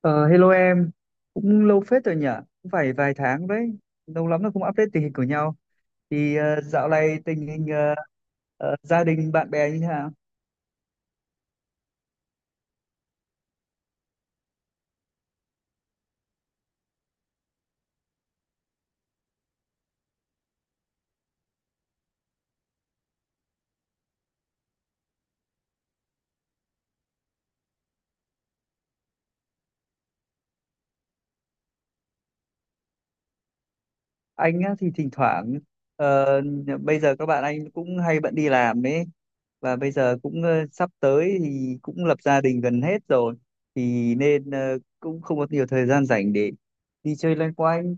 Ờ, Hello em, cũng lâu phết rồi nhỉ, cũng phải vài tháng đấy, lâu lắm rồi không update tình hình của nhau. Thì dạo này tình hình gia đình, bạn bè như thế nào? Anh á, thì thỉnh thoảng, ờ, bây giờ các bạn anh cũng hay bận đi làm đấy, và bây giờ cũng sắp tới thì cũng lập gia đình gần hết rồi, thì nên cũng không có nhiều thời gian rảnh để đi chơi loanh quanh.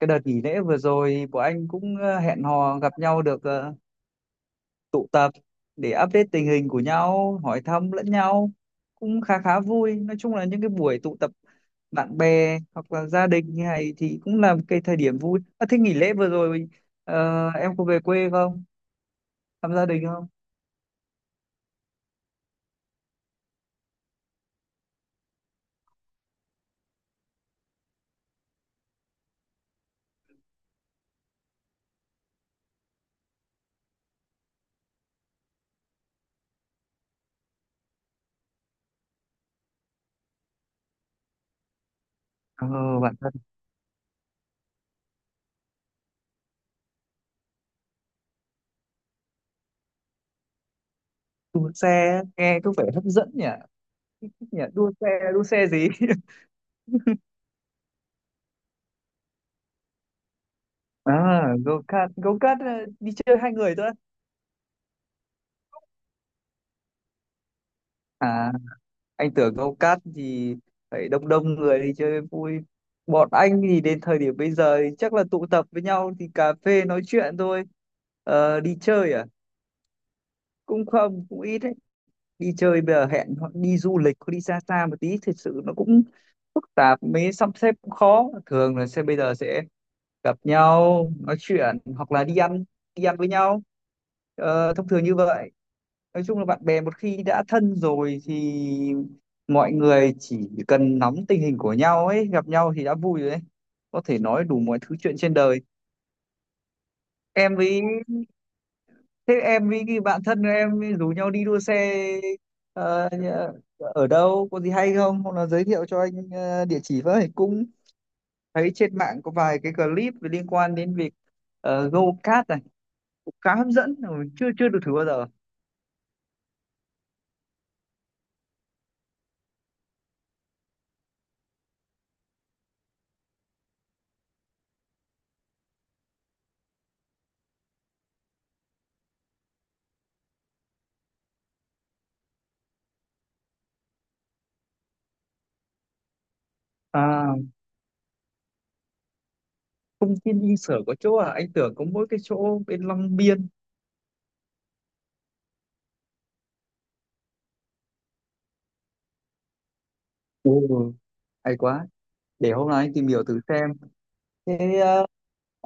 Cái đợt nghỉ lễ vừa rồi của anh cũng hẹn hò gặp nhau được tụ tập để update tình hình của nhau, hỏi thăm lẫn nhau cũng khá khá vui. Nói chung là những cái buổi tụ tập bạn bè hoặc là gia đình như này thì cũng là một cái thời điểm vui. À, thế nghỉ lễ vừa rồi em có về quê không? Thăm gia đình không? Ờ, bạn thân đua xe nghe có vẻ hấp dẫn nhỉ? nhỉ? Đua xe, đua xe gì? À, go kart, go kart, đi chơi hai người thôi. À, anh tưởng câu cát thì phải đông đông người đi chơi vui. Bọn anh thì đến thời điểm bây giờ thì chắc là tụ tập với nhau thì cà phê nói chuyện thôi, đi chơi à cũng không cũng ít đấy. Đi chơi bây giờ hẹn họ đi du lịch có đi xa xa một tí thật sự nó cũng phức tạp, mới sắp xếp cũng khó, thường là sẽ bây giờ sẽ gặp nhau nói chuyện hoặc là đi ăn với nhau, thông thường như vậy. Nói chung là bạn bè một khi đã thân rồi thì mọi người chỉ cần nắm tình hình của nhau ấy, gặp nhau thì đã vui rồi đấy, có thể nói đủ mọi thứ chuyện trên đời. Em với Thế em với cái bạn thân của em rủ nhau đi đua xe ờ, nhà- ở đâu có gì hay không, hoặc là giới thiệu cho anh địa chỉ với, cũng thấy trên mạng có vài cái clip liên quan đến việc go kart này cũng khá hấp dẫn mà mình chưa chưa được thử bao giờ. À, công viên đi sở có chỗ à, anh tưởng có mỗi cái chỗ bên Long Biên. Ừ, hay quá, để hôm nay anh tìm hiểu thử xem. Thế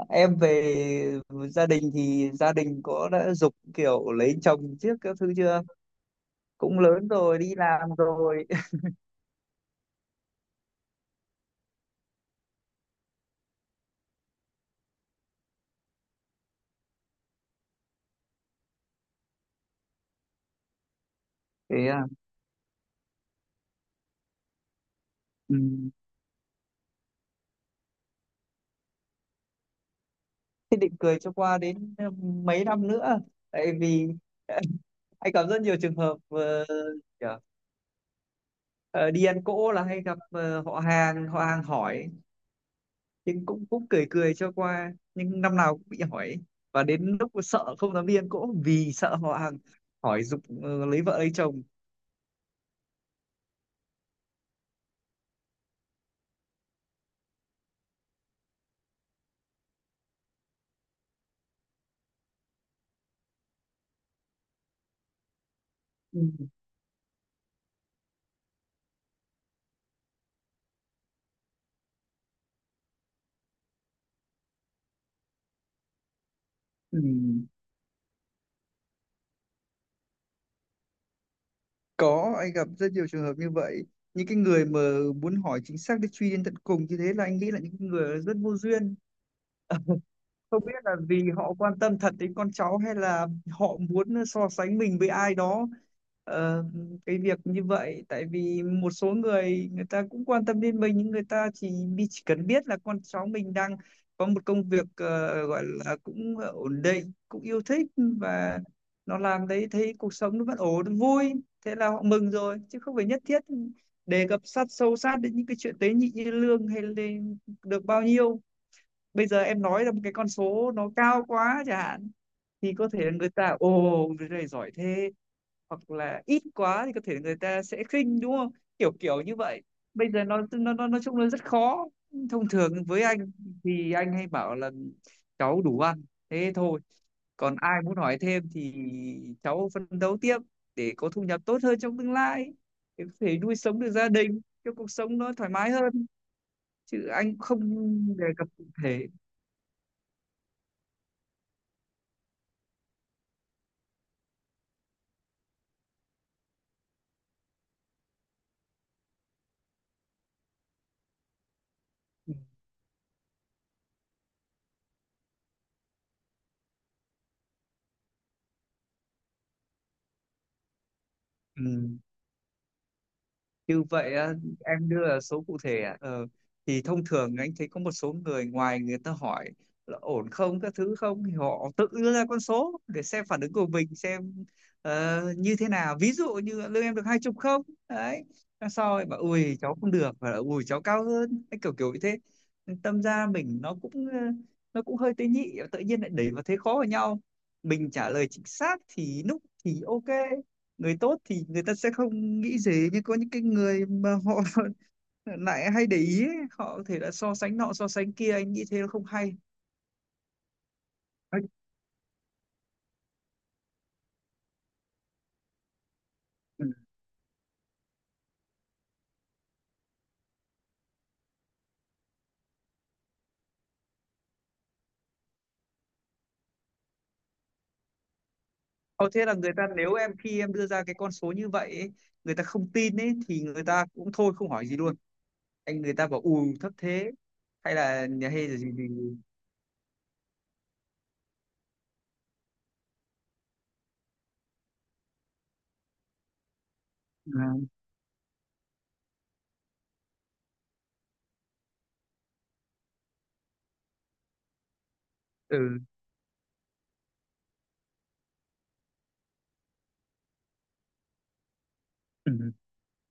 em về gia đình thì gia đình có đã giục kiểu lấy chồng trước các thứ chưa, cũng lớn rồi đi làm rồi. Thế à. Ừ, thế định cười cho qua đến mấy năm nữa, tại vì anh gặp rất nhiều trường hợp kiểu, ờ, đi ăn cỗ là hay gặp họ hàng hỏi, nhưng cũng cũng cười cười cho qua nhưng năm nào cũng bị hỏi, và đến lúc sợ không dám viên cũng vì sợ họ hàng hỏi giục lấy vợ lấy chồng. Ừ. Ừ, có anh gặp rất nhiều trường hợp như vậy, những cái người mà muốn hỏi chính xác để truy đến tận cùng như thế là anh nghĩ là những người rất vô duyên. Không biết là vì họ quan tâm thật đến con cháu hay là họ muốn so sánh mình với ai đó, ờ, cái việc như vậy. Tại vì một số người, người ta cũng quan tâm đến mình nhưng người ta chỉ cần biết là con cháu mình đang có một công việc gọi là cũng ổn định cũng yêu thích, và nó làm đấy thấy cuộc sống nó vẫn ổn vui, thế là họ mừng rồi, chứ không phải nhất thiết đề cập sâu sát đến những cái chuyện tế nhị như lương hay lên được bao nhiêu. Bây giờ em nói ra một cái con số nó cao quá chẳng hạn thì có thể là người ta ồ, người này giỏi thế, hoặc là ít quá thì có thể là người ta sẽ khinh đúng không, kiểu kiểu như vậy. Bây giờ nó nói chung là rất khó. Thông thường với anh thì anh hay bảo là cháu đủ ăn, thế thôi, còn ai muốn hỏi thêm thì cháu phấn đấu tiếp để có thu nhập tốt hơn trong tương lai, để có thể nuôi sống được gia đình cho cuộc sống nó thoải mái hơn, chứ anh không đề cập cụ thể. Ừ. Như vậy á, em đưa là số cụ thể à? Ờ, thì thông thường anh thấy có một số người ngoài người ta hỏi là ổn không các thứ không, thì họ tự đưa ra con số để xem phản ứng của mình xem như thế nào, ví dụ như lương em được 20 không, đấy, xong sau rồi bảo ui cháu không được và ui cháu cao hơn. Đấy, kiểu kiểu như thế, tâm ra mình nó cũng nó cũng hơi tế nhị, tự nhiên lại đẩy vào thế khó vào nhau. Mình trả lời chính xác thì lúc thì ok, người tốt thì người ta sẽ không nghĩ gì, nhưng có những cái người mà họ lại hay để ý ấy, họ có thể là so sánh nọ so sánh kia, anh nghĩ thế nó không hay. Đấy. Ừ. Ờ, thế là người ta, nếu em khi em đưa ra cái con số như vậy ấy, người ta không tin ấy thì người ta cũng thôi không hỏi gì luôn, anh người ta bảo ù thấp thế hay là gì. À, ừ. Ừ.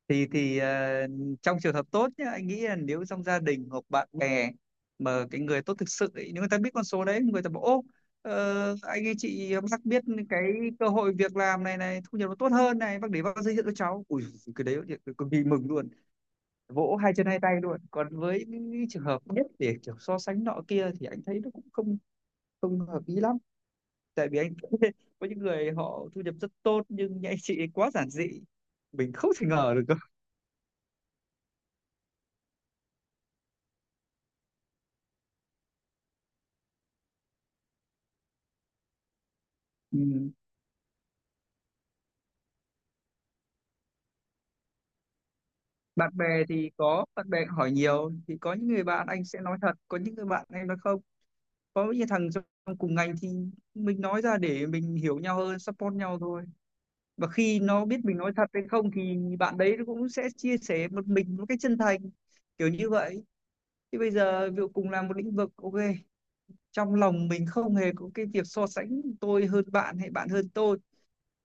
Thì trong trường hợp tốt nhá, anh nghĩ là nếu trong gia đình hoặc bạn bè mà cái người tốt thực sự ấy, nếu người ta biết con số đấy người ta bảo ô, anh ấy chị bác biết cái cơ hội việc làm này này thu nhập nó tốt hơn này, bác để bác giới thiệu cho cháu ui, cái đấy thì cực kỳ mừng luôn, vỗ hai chân hai tay luôn. Còn với những trường hợp biết để kiểu so sánh nọ kia thì anh thấy nó cũng không không hợp lý lắm, tại vì anh có những người họ thu nhập rất tốt nhưng những anh chị ấy quá giản dị, mình không thể ngờ được cơ. Ừ. Bạn bè thì có bạn bè hỏi nhiều, thì có những người bạn anh sẽ nói thật, có những người bạn em nói không, có những thằng trong cùng ngành thì mình nói ra để mình hiểu nhau hơn, support nhau thôi. Và khi nó biết mình nói thật hay không thì bạn đấy nó cũng sẽ chia sẻ một mình một cách chân thành, kiểu như vậy. Thì bây giờ ví dụ cùng làm một lĩnh vực, ok, trong lòng mình không hề có cái việc so sánh tôi hơn bạn hay bạn hơn tôi,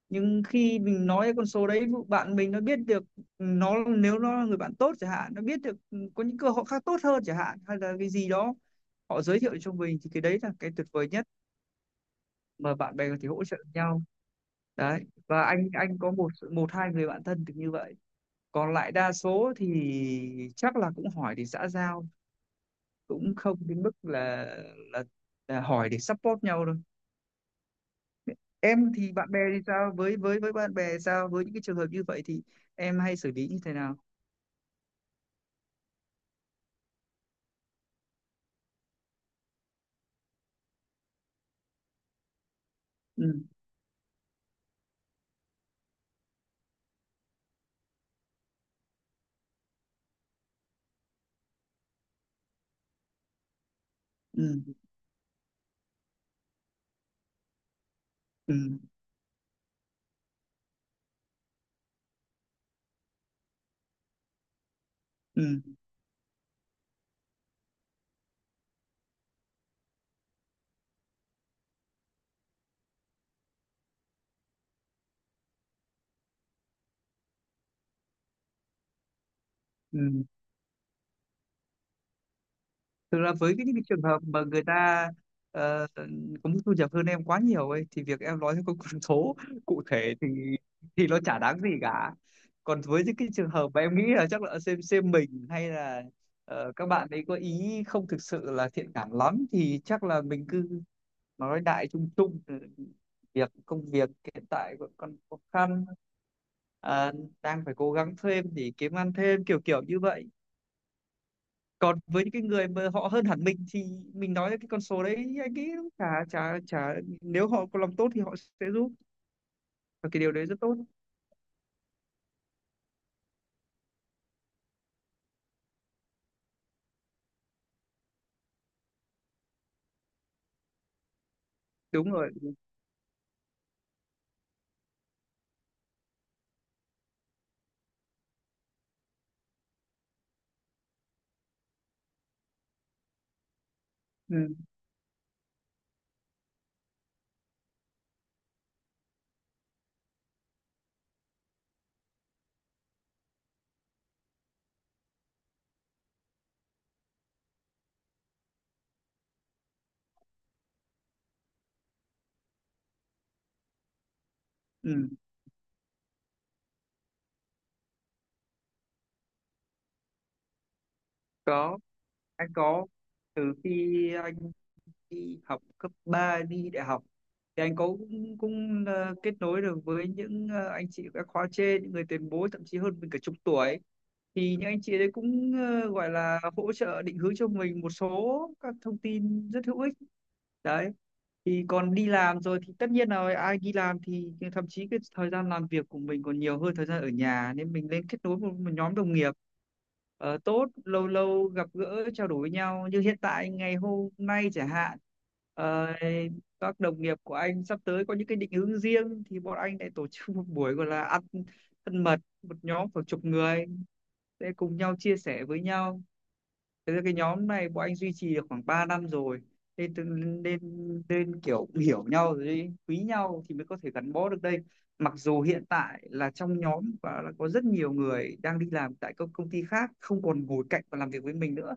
nhưng khi mình nói con số đấy bạn mình nó biết được, nó nếu nó là người bạn tốt chẳng hạn, nó biết được có những cơ hội khác tốt hơn chẳng hạn hay là cái gì đó, họ giới thiệu cho mình thì cái đấy là cái tuyệt vời nhất mà bạn bè có thể hỗ trợ nhau. Đấy, và anh có một một hai người bạn thân được như vậy, còn lại đa số thì chắc là cũng hỏi để xã giao, cũng không đến mức là là, là hỏi để support nhau đâu. Em thì bạn bè thì sao, với bạn bè sao với những cái trường hợp như vậy thì em hay xử lý như thế nào? Ừ, ừ, ừ, ừ, ừ, thực ra với cái những cái trường hợp mà người ta ờ, có mức thu nhập hơn em quá nhiều ấy, thì việc em nói theo con số cụ thể thì nó chả đáng gì cả. Còn với những cái trường hợp mà em nghĩ là chắc là xem mình hay là các bạn ấy có ý không thực sự là thiện cảm lắm thì chắc là mình cứ nói đại chung chung, việc công việc hiện tại vẫn còn khó khăn, à, đang phải cố gắng thêm để kiếm ăn thêm, kiểu kiểu như vậy. Còn với những cái người mà họ hơn hẳn mình thì mình nói cái con số đấy anh nghĩ cũng chả chả chả nếu họ có lòng tốt thì họ sẽ giúp, và cái điều đấy rất tốt. Đúng rồi. Ừ, ừ. Có, anh có từ khi anh đi học cấp 3 đi đại học thì anh có cũng kết nối được với những anh chị các khóa trên, những người tiền bối thậm chí hơn mình cả chục tuổi, thì những anh chị đấy cũng gọi là hỗ trợ định hướng cho mình một số các thông tin rất hữu ích, đấy. Thì còn đi làm rồi thì tất nhiên là ai đi làm thì thậm chí cái thời gian làm việc của mình còn nhiều hơn thời gian ở nhà, nên mình nên kết nối một nhóm đồng nghiệp tốt, lâu lâu gặp gỡ trao đổi với nhau như hiện tại ngày hôm nay chẳng hạn. Ờ, các đồng nghiệp của anh sắp tới có những cái định hướng riêng thì bọn anh lại tổ chức một buổi gọi là ăn thân mật, một nhóm khoảng chục người sẽ cùng nhau chia sẻ với nhau. Thế ra cái nhóm này bọn anh duy trì được khoảng 3 năm rồi, nên tự- nên nên kiểu hiểu nhau rồi ấy, quý nhau thì mới có thể gắn bó được đây. Mặc dù hiện tại là trong nhóm và là có rất nhiều người đang đi làm tại các công ty khác, không còn ngồi cạnh và làm việc với mình nữa,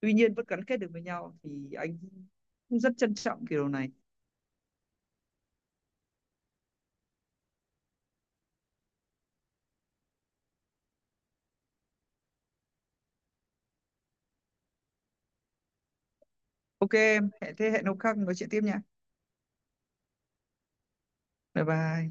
tuy nhiên vẫn gắn kết được với nhau, thì anh cũng rất trân trọng cái điều này. Ok em hẹn, thế hẹn hôm khác nói chuyện tiếp nha. Bye bye.